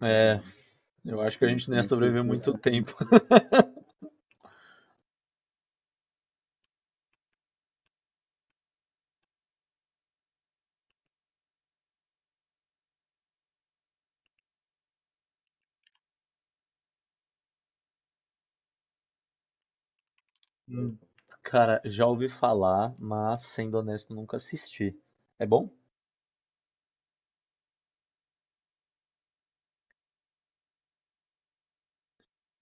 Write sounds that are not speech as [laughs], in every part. É, eu acho que a gente não ia sobreviver muito tempo. [laughs] Hum, Cara, já ouvi falar, mas sendo honesto, nunca assisti. É bom?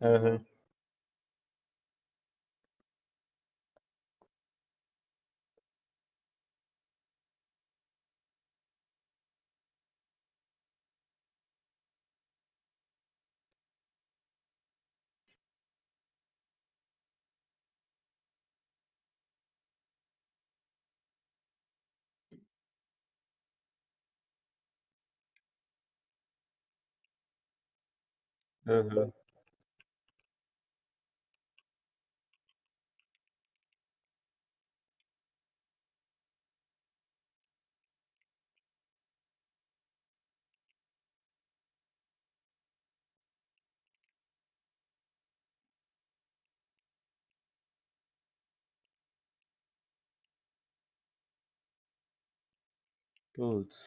Aham, aham. Putz.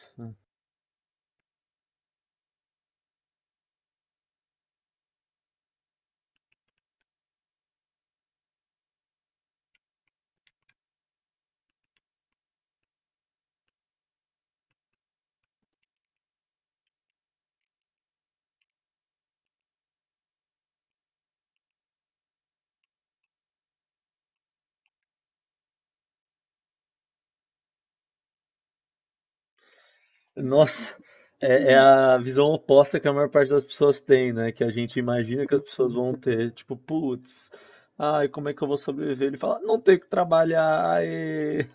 Nossa, é a visão oposta que a maior parte das pessoas tem, né? Que a gente imagina que as pessoas vão ter. Tipo, putz, ai, como é que eu vou sobreviver? Ele fala, não tenho que trabalhar. Aê.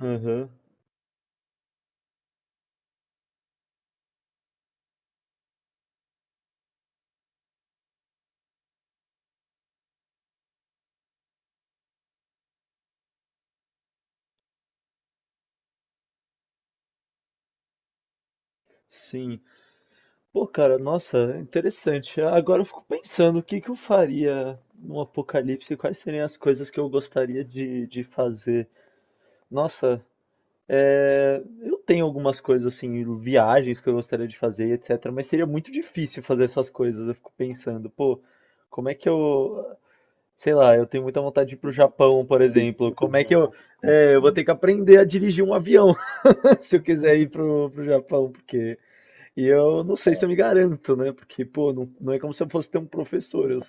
Aham. Sim. Pô, cara, nossa, interessante. Agora eu fico pensando o que que eu faria num apocalipse, quais seriam as coisas que eu gostaria de fazer. Nossa, é, eu tenho algumas coisas assim, viagens que eu gostaria de fazer, etc. Mas seria muito difícil fazer essas coisas. Eu fico pensando, pô, como é que eu, sei lá, eu tenho muita vontade de ir pro Japão, por exemplo. Como é que eu, é, eu vou ter que aprender a dirigir um avião. [laughs] Se eu quiser ir pro Japão, porque e eu não sei se eu me garanto, né? Porque, pô, não é como se eu fosse ter um professor.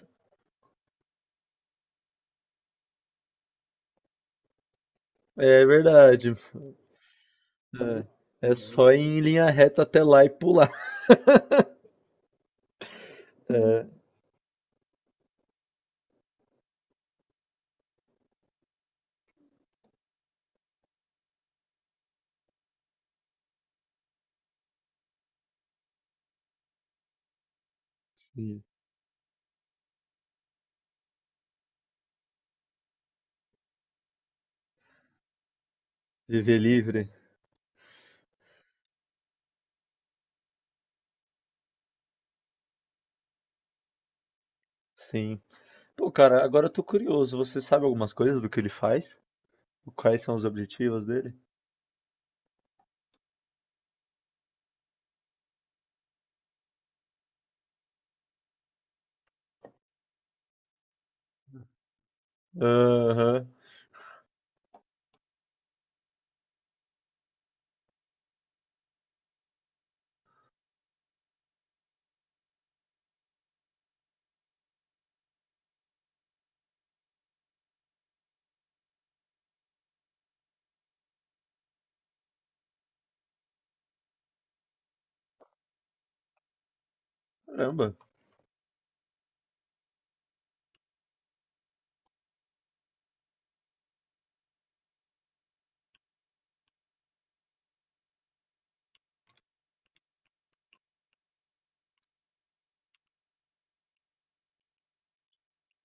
É verdade. É, é só ir em linha reta até lá e pular. [laughs] É. Sim. Viver livre. Sim. Pô, cara, agora eu tô curioso. Você sabe algumas coisas do que ele faz? Quais são os objetivos dele? Aham. Caramba.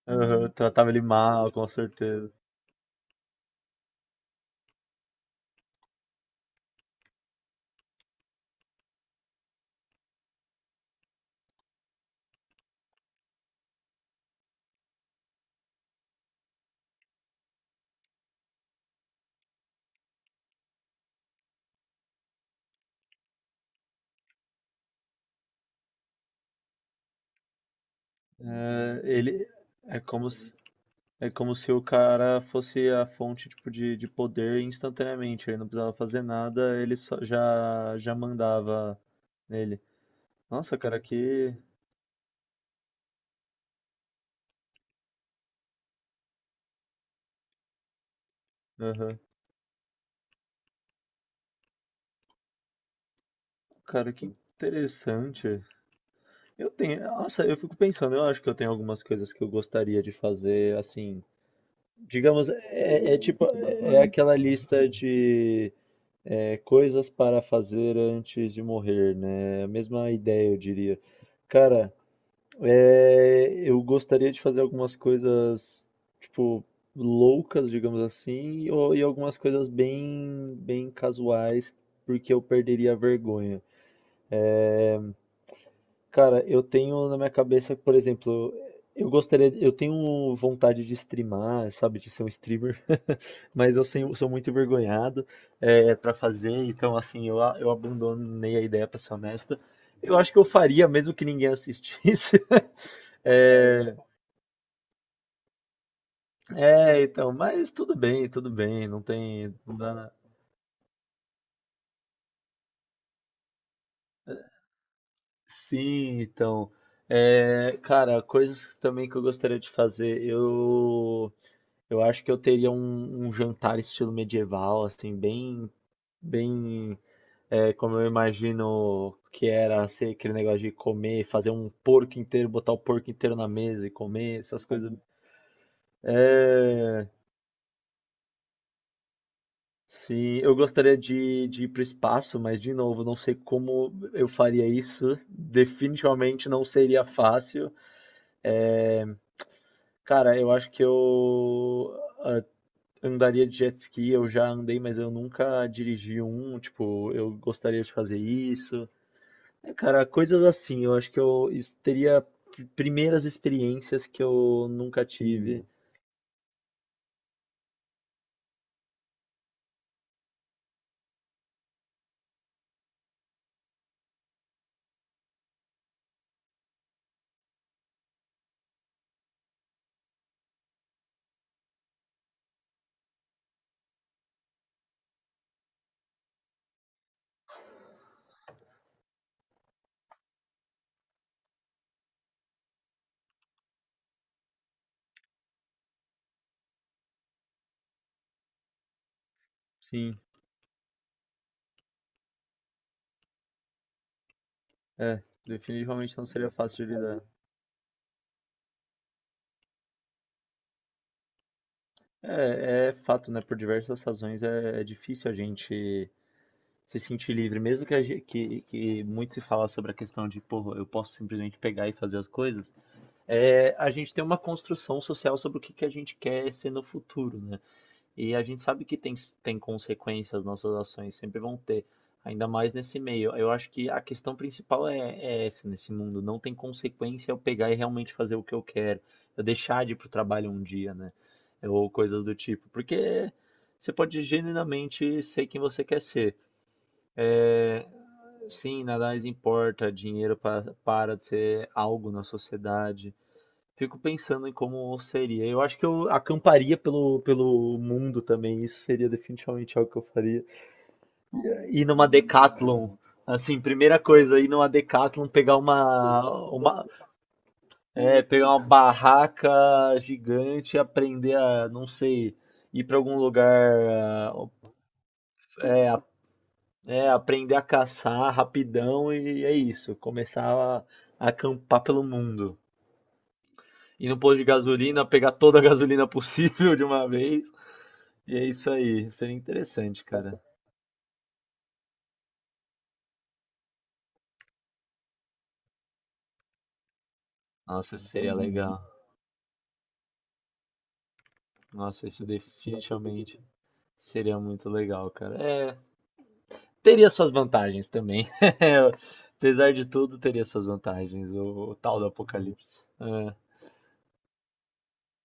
Aham, tratava ele mal, com certeza. É, ele é como se o cara fosse a fonte tipo, de poder instantaneamente. Ele não precisava fazer nada, ele só, já mandava nele. Nossa, cara, que. Aham. Cara, que interessante. Eu tenho. Nossa, eu fico pensando, eu acho que eu tenho algumas coisas que eu gostaria de fazer, assim. Digamos, é tipo. É aquela lista de coisas para fazer antes de morrer, né? A mesma ideia, eu diria. Cara. É, eu gostaria de fazer algumas coisas, tipo, loucas, digamos assim, e algumas coisas bem casuais, porque eu perderia a vergonha. Cara, eu tenho na minha cabeça, por exemplo, eu tenho vontade de streamar, sabe, de ser um streamer, [laughs] mas eu sou, muito envergonhado é, para fazer, então, assim, eu abandonei a ideia, pra ser honesto. Eu acho que eu faria, mesmo que ninguém assistisse. [laughs] É. É, então, mas tudo bem, não tem, não dá- Sim, então, é, cara, coisas também que eu gostaria de fazer, eu acho que eu teria um, um jantar estilo medieval, assim, bem, como eu imagino que era ser aquele negócio de comer, fazer um porco inteiro, botar o porco inteiro na mesa e comer, essas coisas. É. Sim, eu gostaria de ir para o espaço, mas de novo, não sei como eu faria isso. Definitivamente não seria fácil. É, cara, eu acho que eu ah, andaria de jet ski. Eu já andei, mas eu nunca dirigi um. Tipo, eu gostaria de fazer isso. É, cara, coisas assim. Eu acho que eu teria primeiras experiências que eu nunca tive. Sim. É, definitivamente não seria fácil de lidar. É, é fato, né? Por diversas razões é difícil a gente se sentir livre, mesmo que, que muito se fala sobre a questão de, pô, eu posso simplesmente pegar e fazer as coisas. É, a gente tem uma construção social sobre que a gente quer ser no futuro, né? E a gente sabe que tem, tem consequências, nossas ações sempre vão ter, ainda mais nesse meio. Eu acho que a questão principal é, é essa nesse mundo. Não tem consequência eu pegar e realmente fazer o que eu quero, eu deixar de ir pro trabalho um dia, né? Ou coisas do tipo. Porque você pode genuinamente ser quem você quer ser. É, sim, nada mais importa, para de ser algo na sociedade. Fico pensando em como seria. Eu acho que eu acamparia pelo mundo também. Isso seria definitivamente algo que eu faria. Ir numa Decathlon. Assim, primeira coisa, ir numa Decathlon, pegar pegar uma barraca gigante e aprender a, não sei, ir para algum lugar, é, aprender a caçar rapidão e é isso. Começar a acampar pelo mundo. Ir no posto de gasolina, pegar toda a gasolina possível de uma vez. E é isso aí, seria interessante, cara. Nossa, isso seria legal. Nossa, isso definitivamente seria muito legal, cara. É, teria suas vantagens também. [laughs] Apesar de tudo, teria suas vantagens, o tal do apocalipse. É.